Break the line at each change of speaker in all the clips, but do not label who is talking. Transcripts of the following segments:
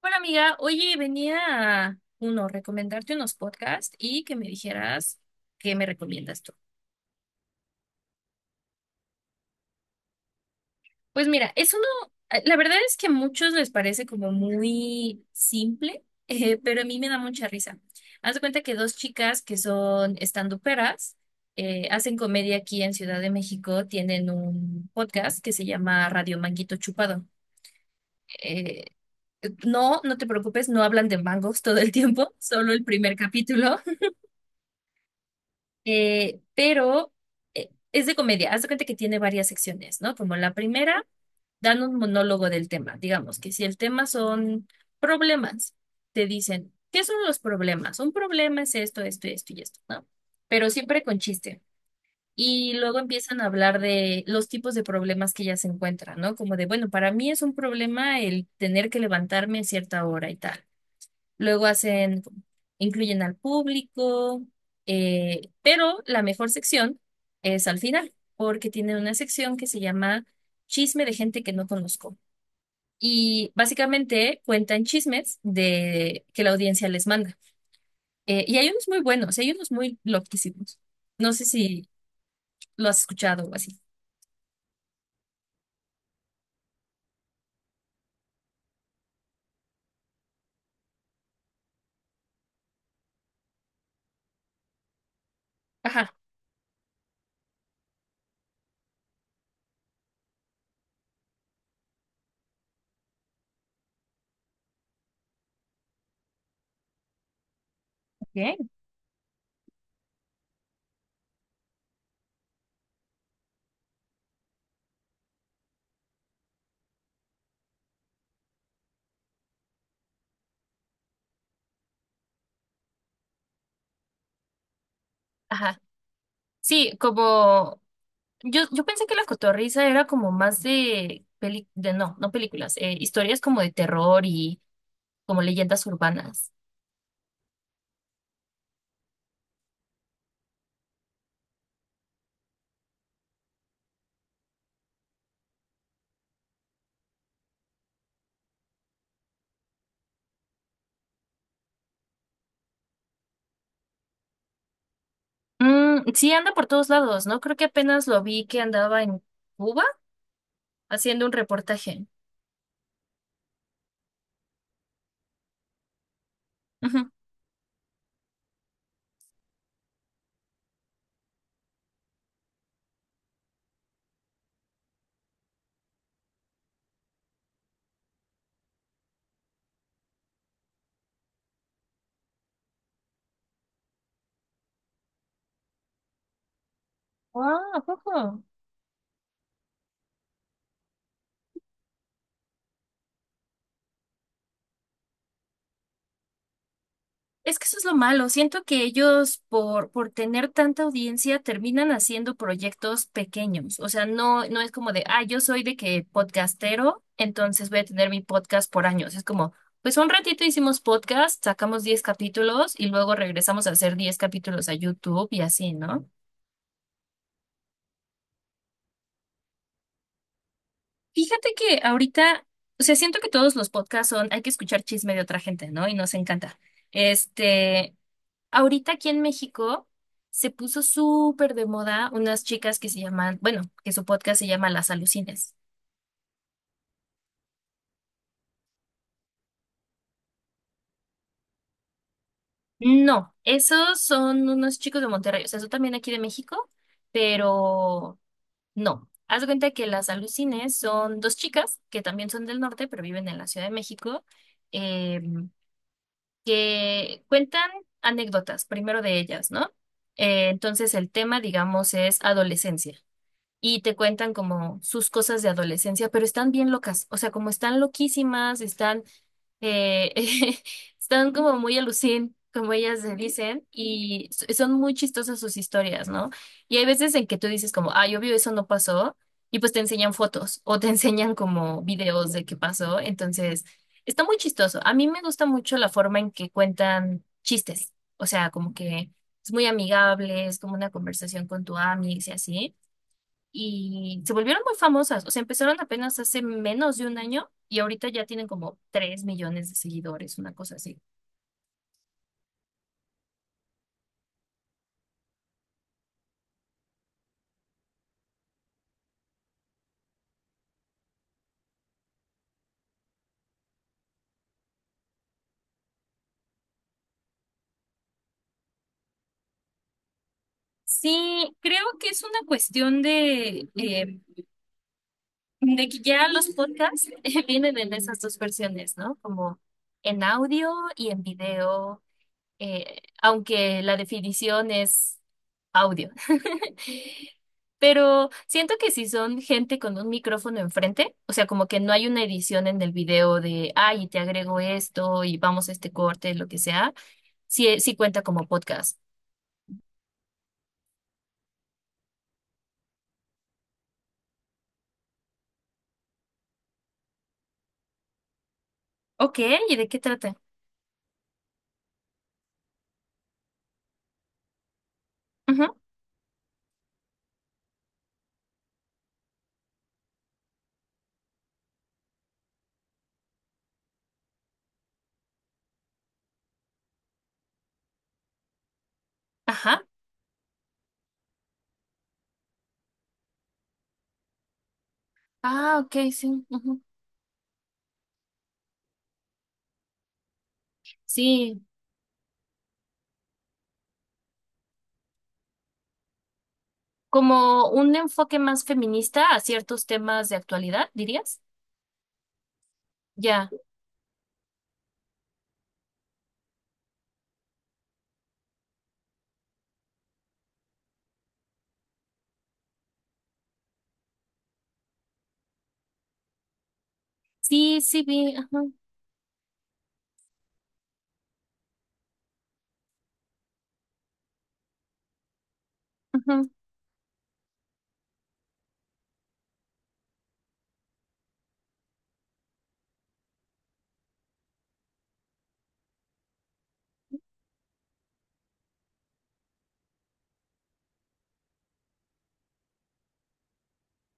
Hola amiga, oye, venía uno, recomendarte unos podcasts y que me dijeras qué me recomiendas tú. Pues mira, es uno, la verdad es que a muchos les parece como muy simple, pero a mí me da mucha risa. Haz de cuenta que dos chicas que son standuperas, hacen comedia aquí en Ciudad de México, tienen un podcast que se llama Radio Manguito Chupado. Eh, no, no te preocupes, no hablan de mangos todo el tiempo, solo el primer capítulo. Pero es de comedia. Haz de cuenta que tiene varias secciones, ¿no? Como la primera, dan un monólogo del tema. Digamos que si el tema son problemas, te dicen, ¿qué son los problemas? Un problema es esto, esto, esto y esto, ¿no? Pero siempre con chiste. Y luego empiezan a hablar de los tipos de problemas que ya se encuentran, ¿no? Como de, bueno, para mí es un problema el tener que levantarme a cierta hora y tal. Luego hacen, incluyen al público, pero la mejor sección es al final, porque tienen una sección que se llama Chisme de gente que no conozco. Y básicamente cuentan chismes de que la audiencia les manda. Y hay unos muy buenos, hay unos muy loquísimos. No sé si lo has escuchado o así. Ajá. Ok. Sí, como yo pensé que La Cotorrisa era como más de, de no, no películas, historias como de terror y como leyendas urbanas. Mm, sí, anda por todos lados, ¿no? Creo que apenas lo vi que andaba en Cuba haciendo un reportaje. Ujú. Ah, ¿a poco? Es que eso es lo malo. Siento que ellos, por tener tanta audiencia, terminan haciendo proyectos pequeños. O sea, no, no es como de, ah, yo soy de que podcastero, entonces voy a tener mi podcast por años. Es como, pues un ratito hicimos podcast, sacamos 10 capítulos y luego regresamos a hacer 10 capítulos a YouTube y así, ¿no? Fíjate que ahorita, o sea, siento que todos los podcasts son, hay que escuchar chisme de otra gente, ¿no? Y nos encanta. Este. Ahorita aquí en México se puso súper de moda unas chicas que se llaman, bueno, que su podcast se llama Las Alucines. No, esos son unos chicos de Monterrey, o sea, son también aquí de México, pero no. Haz de cuenta que Las Alucines son dos chicas que también son del norte, pero viven en la Ciudad de México, eh, que cuentan anécdotas, primero de ellas, ¿no? Entonces el tema, digamos, es adolescencia. Y te cuentan como sus cosas de adolescencia, pero están bien locas, o sea, como están loquísimas, están, eh, están como muy alucin, como ellas se dicen, y son muy chistosas sus historias, ¿no? Y hay veces en que tú dices como, ah, yo obvio eso no pasó, y pues te enseñan fotos o te enseñan como videos de qué pasó, entonces está muy chistoso. A mí me gusta mucho la forma en que cuentan chistes, o sea, como que... Es muy amigable, es como una conversación con tu amiga y así, y se volvieron muy famosas. O sea, empezaron apenas hace menos de un año y ahorita ya tienen como 3 millones de seguidores, una cosa así. Sí, creo que es una cuestión de que ya los podcasts vienen en esas dos versiones, ¿no? Como en audio y en video, aunque la definición es audio. Pero siento que si son gente con un micrófono enfrente, o sea, como que no hay una edición en el video de, ay, te agrego esto y vamos a este corte, lo que sea, sí, sí cuenta como podcast. Ok, ¿y de qué trata? Ujú. Ajá. Ah, ok, sí. Ujú. Sí, como un enfoque más feminista a ciertos temas de actualidad, dirías. Ya. Sí, sí, vi. Ajá, ujú.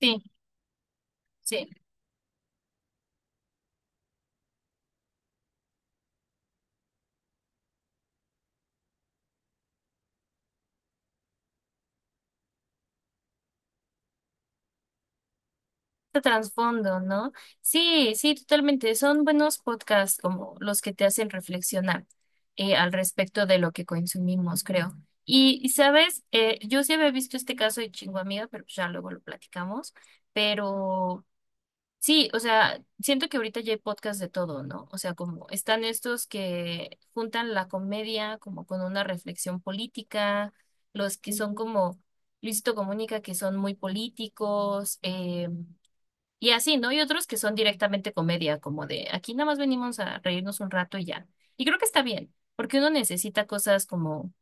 Sí, sí. De trasfondo, ¿no? Sí, sí, totalmente. Son buenos podcasts como los que te hacen reflexionar al respecto de lo que consumimos, creo. Sabes, yo sí había visto este caso de Chinguamiga, pero pues ya luego lo platicamos. Pero sí, o sea, siento que ahorita ya hay podcasts de todo, ¿no? O sea, como están estos que juntan la comedia como con una reflexión política, los que son como Luisito Comunica, que son muy políticos. Y así, ¿no? Y otros que son directamente comedia, como de aquí nada más venimos a reírnos un rato y ya. Y creo que está bien, porque uno necesita cosas como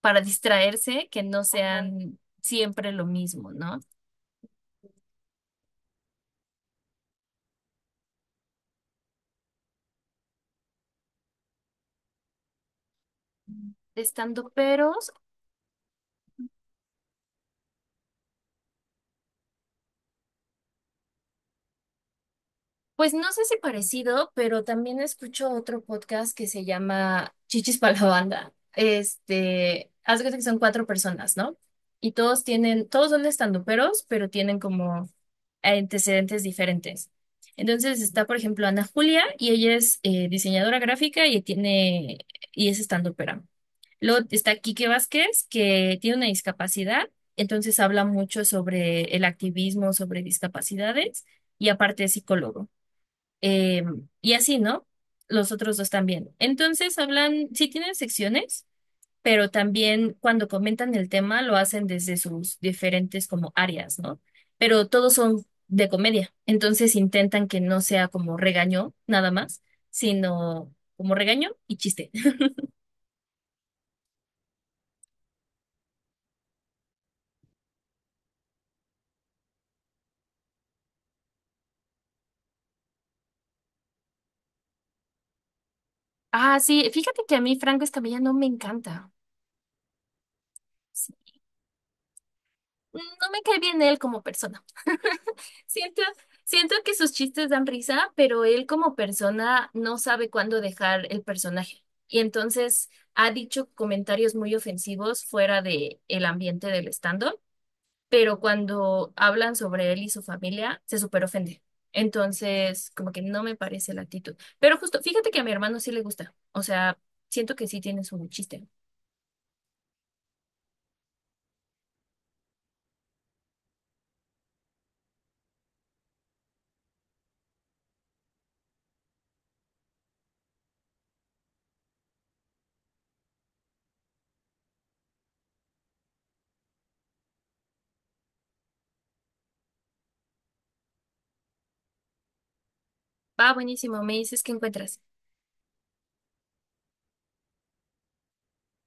para distraerse que no sean siempre lo mismo, ¿no? De estandoperos, pues no sé si parecido, pero también escucho otro podcast que se llama Chichis para la Banda. Este, haz de cuenta que son cuatro personas, ¿no? Y todos tienen, todos son estanduperos, pero tienen como antecedentes diferentes. Entonces está, por ejemplo, Ana Julia y ella es diseñadora gráfica y tiene y es estandupera. Luego está Quique Vázquez, que tiene una discapacidad, entonces habla mucho sobre el activismo, sobre discapacidades, y aparte es psicólogo. Eh, y así, ¿no? Los otros dos también. Entonces hablan, sí tienen secciones, pero también cuando comentan el tema lo hacen desde sus diferentes como áreas, ¿no? Pero todos son de comedia. Entonces intentan que no sea como regaño nada más, sino como regaño y chiste. Ah, sí, fíjate que a mí Franco Escamilla no me encanta. No me cae bien él como persona. Siento, siento que sus chistes dan risa, pero él como persona no sabe cuándo dejar el personaje. Y entonces ha dicho comentarios muy ofensivos fuera de el ambiente del stand-up, pero cuando hablan sobre él y su familia, se súper ofende. Entonces, como que no me parece la actitud. Pero justo, fíjate que a mi hermano sí le gusta. O sea, siento que sí tiene su chiste. Va, buenísimo. Me dices qué encuentras.